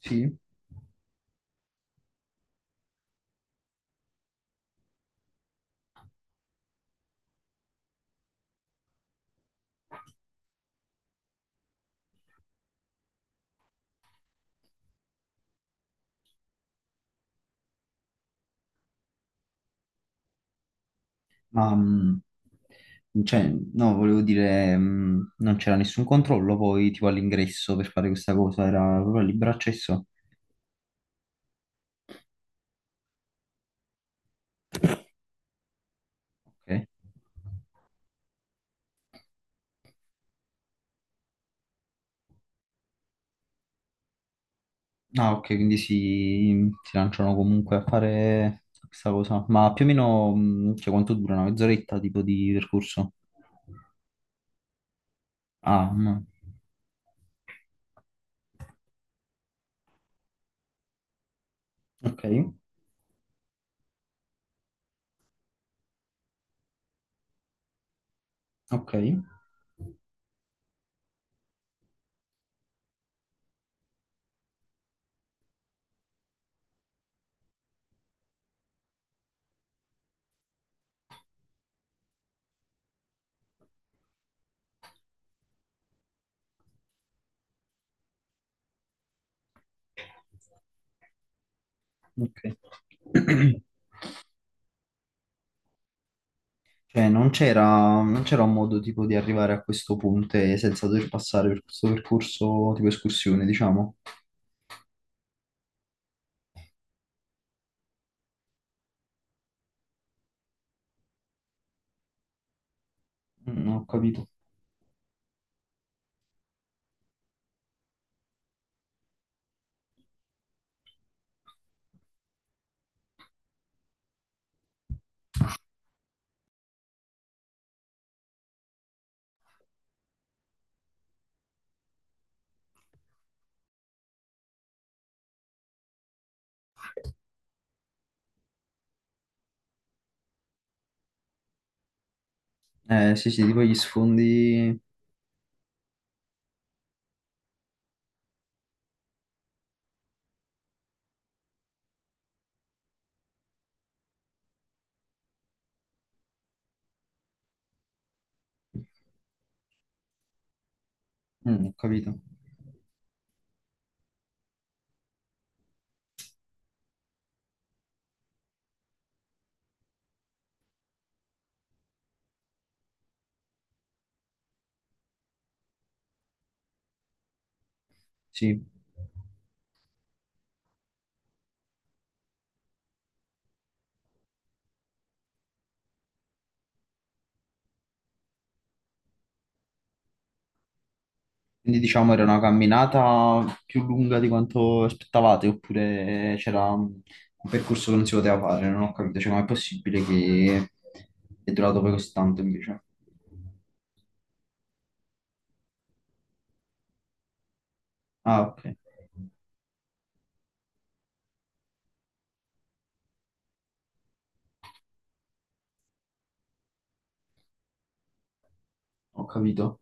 Sì, ma cioè, no, volevo dire, non c'era nessun controllo poi tipo all'ingresso per fare questa cosa, era proprio libero accesso. Ok. Ah, ok, quindi si lanciano comunque a fare questa cosa. Ma più o meno, cioè, quanto dura? Una mezz'oretta tipo di percorso? Ah, mm. Ok, ok, ok. Cioè, non c'era un modo tipo di arrivare a questo punto e senza dover passare per questo percorso tipo escursione, diciamo. Mm, ho capito. Sì, sì, tipo gli sfondi. Mm, ho capito, sì. Quindi diciamo era una camminata più lunga di quanto aspettavate, oppure c'era un percorso che non si poteva fare, non ho capito, cioè com'è possibile che è durato poi così tanto invece? Ah, ok, ho capito.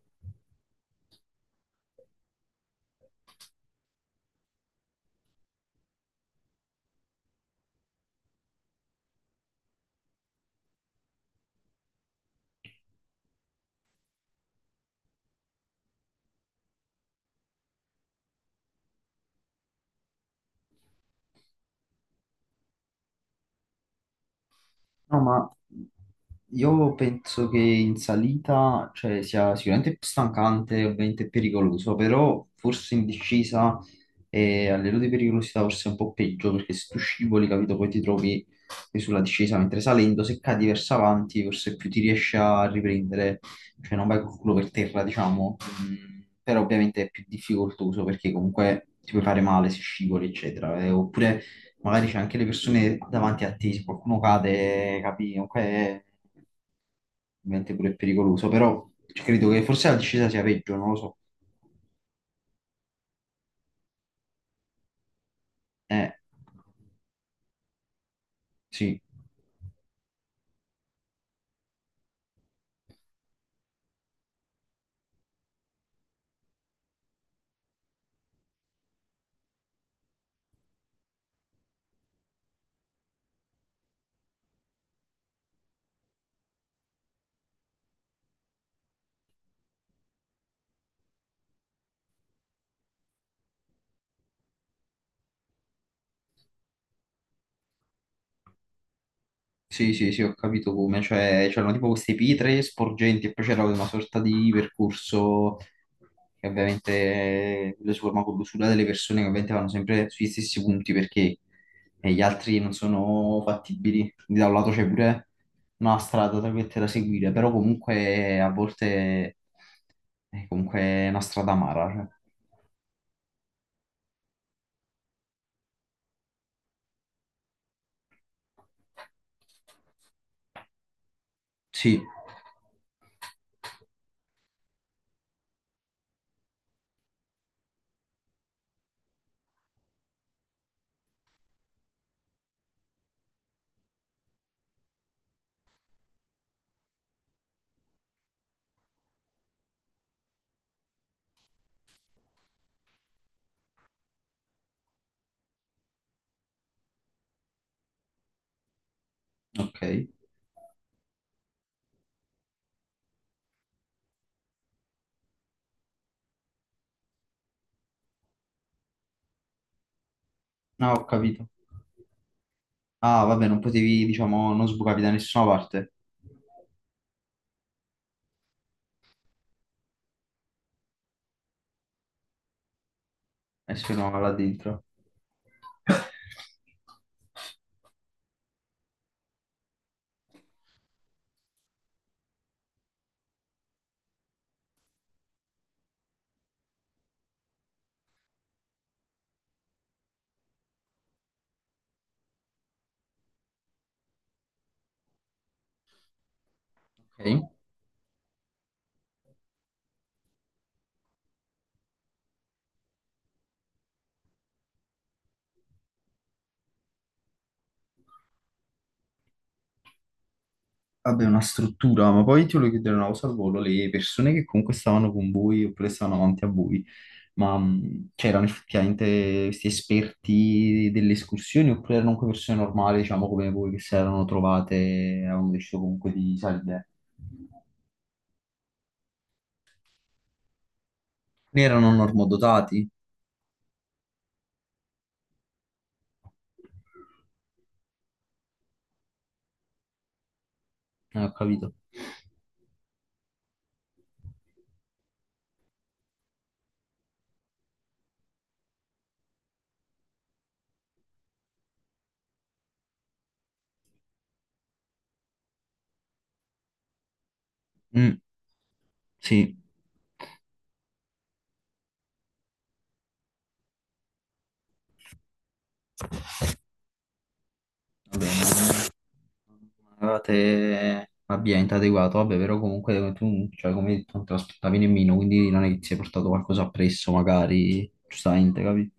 No, ma io penso che in salita, cioè, sia sicuramente più stancante e ovviamente pericoloso, però forse in discesa e a livello di pericolosità forse è un po' peggio, perché se tu scivoli, capito, poi ti trovi che sulla discesa, mentre salendo, se cadi verso avanti, forse più ti riesci a riprendere, cioè non vai col culo per terra, diciamo. Mm, però ovviamente è più difficoltoso perché comunque ti puoi fare male se scivoli, eccetera. Oppure magari c'è anche le persone davanti a te, se qualcuno cade, capi, comunque è ovviamente pure pericoloso, però credo che forse la discesa sia peggio, non lo so. Eh, sì. Sì, sì, sì, ho capito come, cioè c'erano tipo queste pietre sporgenti e poi c'era una sorta di percorso che ovviamente lo si forma con l'usura delle persone che ovviamente vanno sempre sugli stessi punti perché gli altri non sono fattibili, quindi da un lato c'è pure una strada tra virgolette, da seguire, però comunque a volte è comunque una strada amara, cioè. Sì, ok, no, ho capito. Ah, vabbè, non potevi, diciamo, non sbucavi da nessuna parte. E se no, là dentro. Ok. Vabbè, una struttura, ma poi ti volevo chiedere una cosa al volo, le persone che comunque stavano con voi oppure stavano avanti a voi, ma c'erano effettivamente questi esperti delle escursioni oppure erano comunque persone normali, diciamo come voi, che si erano trovate e avevano deciso comunque di salire? Ne erano normodotati? Ho capito. Mm, sì. Vabbè, ma- allora te abbienti adeguato, vabbè, però comunque tu, cioè, come hai detto, non te lo aspettavi nemmeno, quindi non è che ti sei portato qualcosa appresso, magari, giustamente, capi?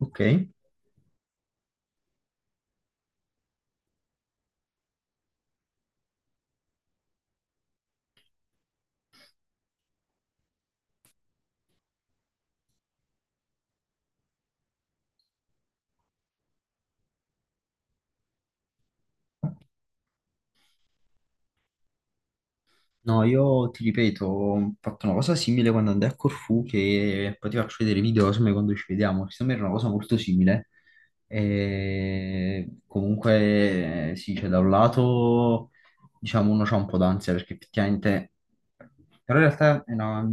Ok. No, io ti ripeto, ho fatto una cosa simile quando andai a Corfù, che poi ti faccio vedere i video insomma, quando ci vediamo, insomma era una cosa molto simile. E comunque sì, cioè, da un lato diciamo uno c'ha un po' d'ansia perché effettivamente, però in realtà è,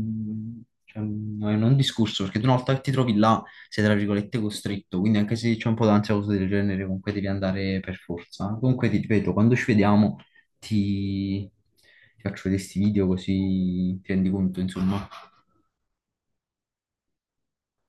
cioè, non è un discorso, perché tu una volta che ti trovi là sei tra virgolette costretto, quindi anche se c'è un po' d'ansia o cose del genere comunque devi andare per forza. Comunque ti ripeto, quando ci vediamo ti, ti faccio vedere questi video così ti rendi conto, insomma.